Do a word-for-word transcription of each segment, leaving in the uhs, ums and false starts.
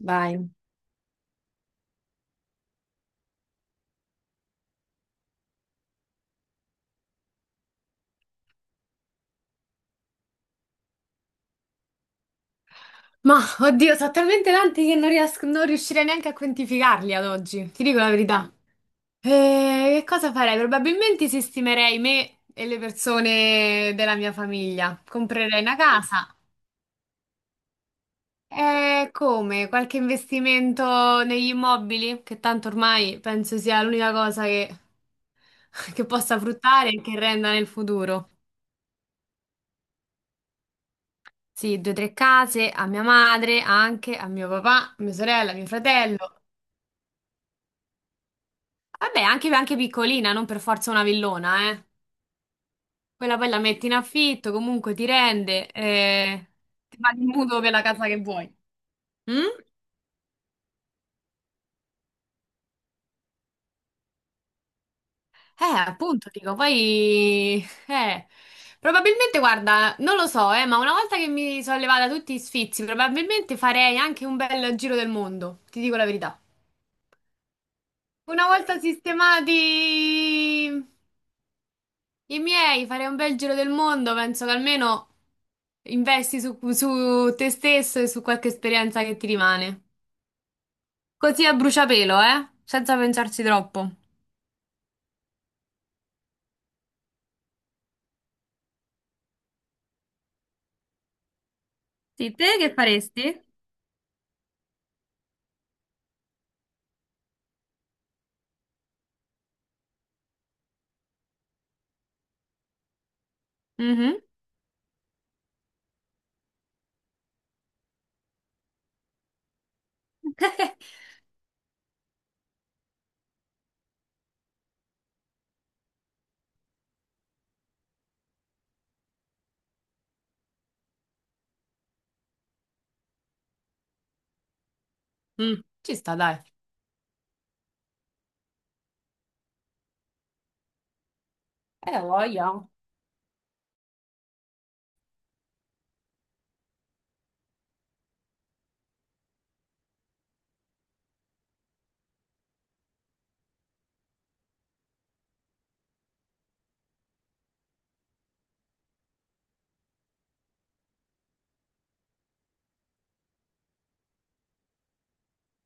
Vai. Ma oddio, sono talmente tanti che non riesco, non riuscirei neanche a quantificarli ad oggi, ti dico la verità. Eh, che cosa farei? Probabilmente sistemerei me e le persone della mia famiglia. Comprerei una casa. E come? Qualche investimento negli immobili? Che tanto ormai penso sia l'unica cosa che, che possa fruttare e che renda nel futuro. Sì, due o tre case a mia madre, anche a mio papà, a mia sorella, a mio fratello. Vabbè, anche, anche piccolina, non per forza una villona, eh. Quella poi la metti in affitto, comunque ti rende, eh, ti fa il mutuo per la casa che vuoi. Mm? Eh, appunto, dico, poi... Eh, probabilmente, guarda, non lo so, eh, ma una volta che mi sono levata tutti i sfizi, probabilmente farei anche un bel giro del mondo, ti dico la verità. Una volta sistemati... I miei, farei un bel giro del mondo, penso che almeno investi su, su te stesso e su qualche esperienza che ti rimane. Così a bruciapelo, eh? Senza pensarci troppo. Sì, te che faresti? Mhm. Mm, ci sta, dai. Eh, ho voglia.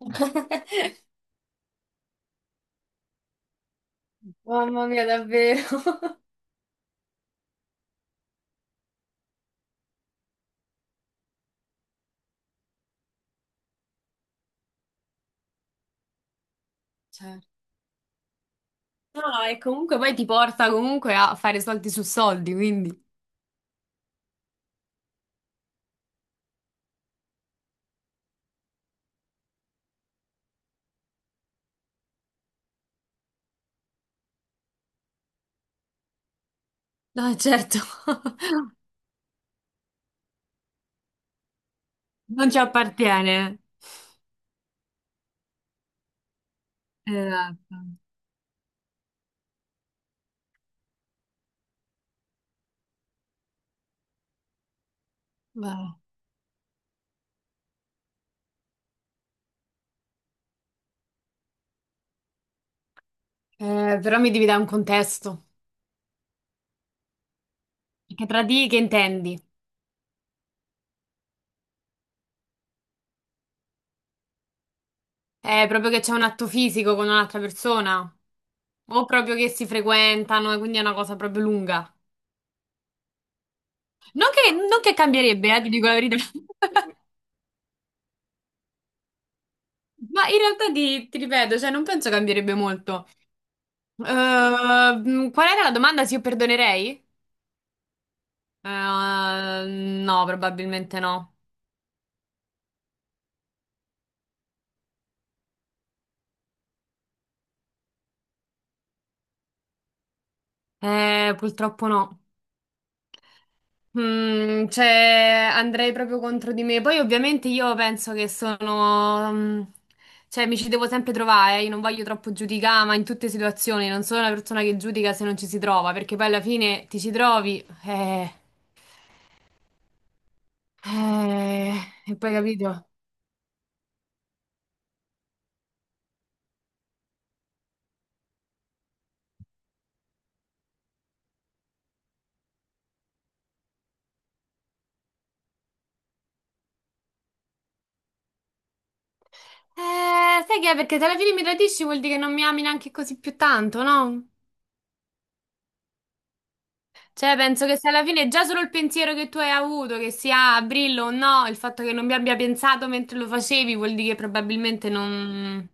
Mamma mia, davvero. Cioè, no, no, e comunque poi ti porta comunque a fare soldi su soldi, quindi. No, certo. Non ci appartiene. Esatto. Vabbè. Eh, però mi devi dare un contesto. Perché tra di che intendi? È proprio che c'è un atto fisico con un'altra persona? O proprio che si frequentano e quindi è una cosa proprio lunga? Non che, non che cambierebbe, eh, ti dico la verità. Ma in realtà ti, ti ripeto, cioè non penso cambierebbe molto. Ehm, qual era la domanda? Se io perdonerei? Ehm, no, probabilmente no. Eh, purtroppo no. Mm, cioè, andrei proprio contro di me. Poi, ovviamente, io penso che sono. Mm, cioè, mi ci devo sempre trovare. Eh. Io non voglio troppo giudicare, ma in tutte le situazioni non sono una persona che giudica se non ci si trova, perché poi alla fine ti ci trovi. Eh, eh, e poi capito. Eh, sai che è? Perché se alla fine mi tradisci vuol dire che non mi ami neanche così più tanto, no? Cioè, penso che se alla fine già solo il pensiero che tu hai avuto, che sia a Brillo o no, il fatto che non mi abbia pensato mentre lo facevi, vuol dire che probabilmente non,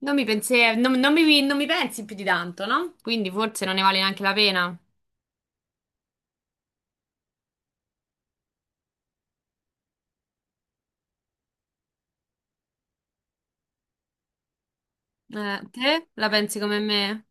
non mi pensi, non, non mi, non mi pensi più di tanto, no? Quindi forse non ne vale neanche la pena. Eh, te la pensi come me?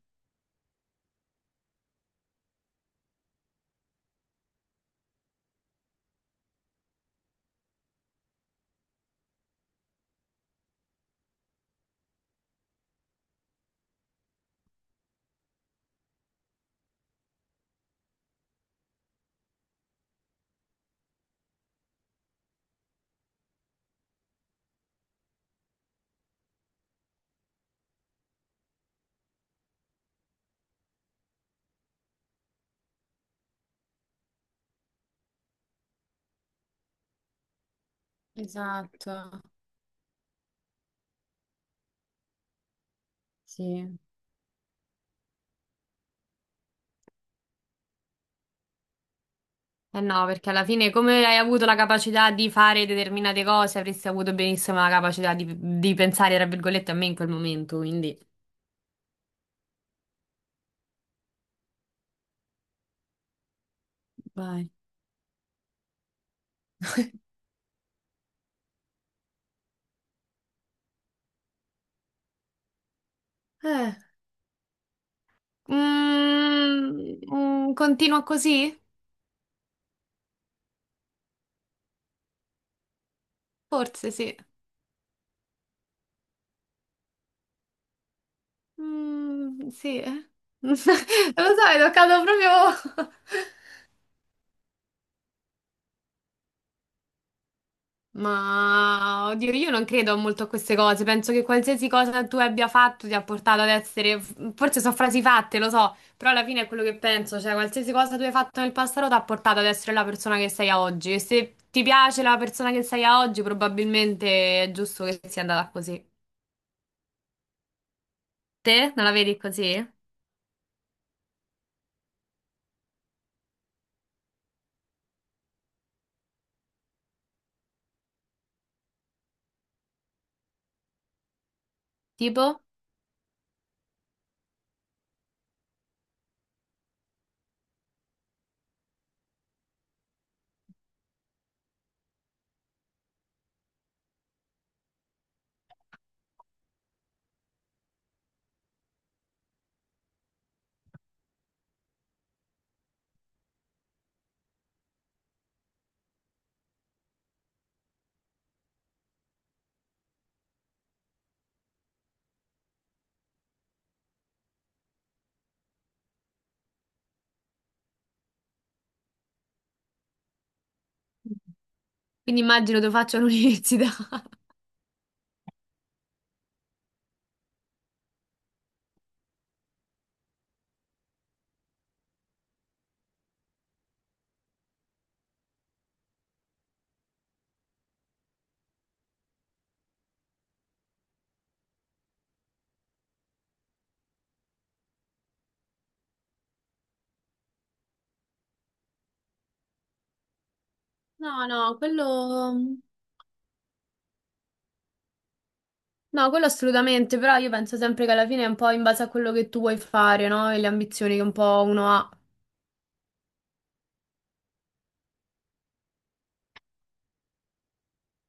Esatto, sì. Eh no, perché alla fine come hai avuto la capacità di fare determinate cose, avresti avuto benissimo la capacità di, di pensare, tra virgolette, a me in quel momento, quindi... Vai. Eh. Mm, mm, continua così? Forse sì. Mm, sì, eh. Non lo so, è toccato proprio... Ma, oddio, io non credo molto a queste cose. Penso che qualsiasi cosa tu abbia fatto ti ha portato ad essere... Forse sono frasi fatte, lo so, però alla fine è quello che penso. Cioè, qualsiasi cosa tu hai fatto nel passato ti ha portato ad essere la persona che sei a oggi. E se ti piace la persona che sei a oggi, probabilmente è giusto che sia andata così. Te non la vedi così? Tipo? Quindi immagino lo faccio all'università. No, no, quello... No, quello assolutamente, però io penso sempre che alla fine è un po' in base a quello che tu vuoi fare, no? E le ambizioni che un po' uno ha.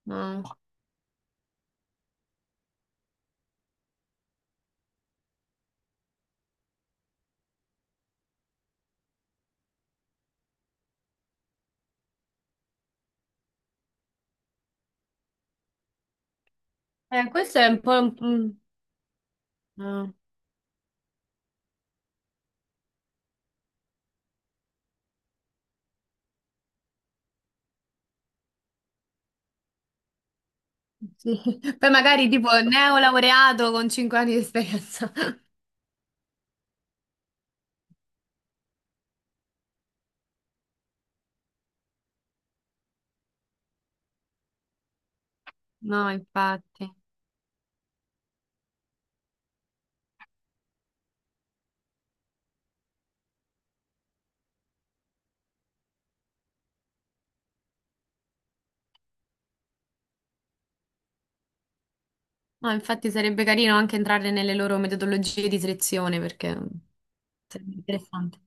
No. Eh, questo è un po'... un- mm, no. Sì. Poi magari tipo neolaureato con cinque anni di esperienza. No, infatti. No, infatti sarebbe carino anche entrare nelle loro metodologie di selezione perché sarebbe interessante.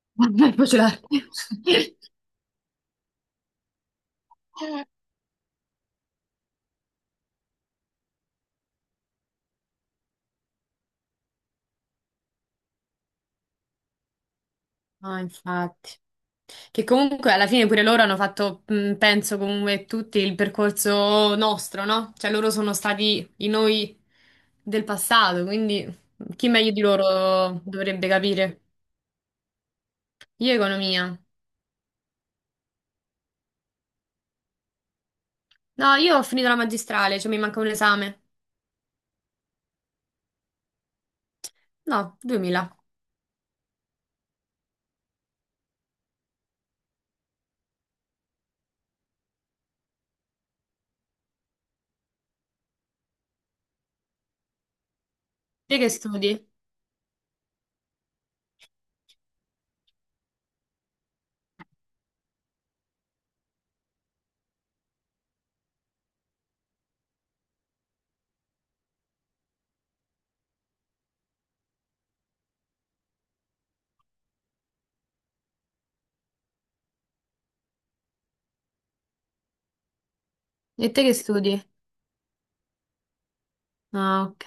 Vai a fucilare. Ah, infatti. Che comunque alla fine pure loro hanno fatto, mh, penso comunque tutti il percorso nostro, no? Cioè loro sono stati i noi del passato, quindi chi meglio di loro dovrebbe capire? Io economia. No, io ho finito la magistrale, cioè mi manca un esame. No, duemila. Te che studi? E te che studi? Ah, ok.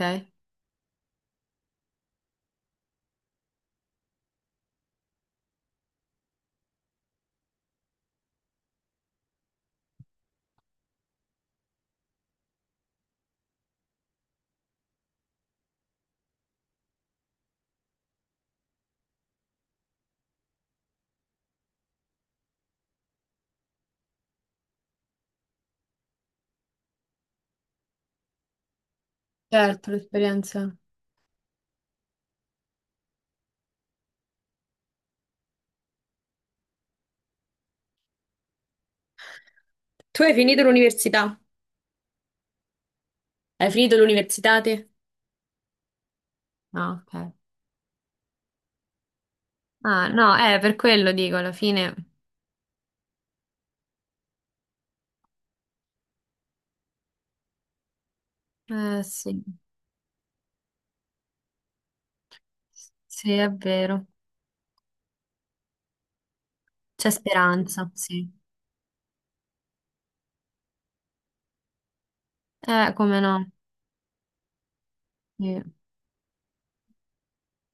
Certo, l'esperienza. Tu hai finito l'università? Hai finito l'università te? Ah, ok. Ah, no, eh, per quello dico, alla fine. Eh, sì, sì, è vero. C'è speranza, sì. Eh, come no? Sì.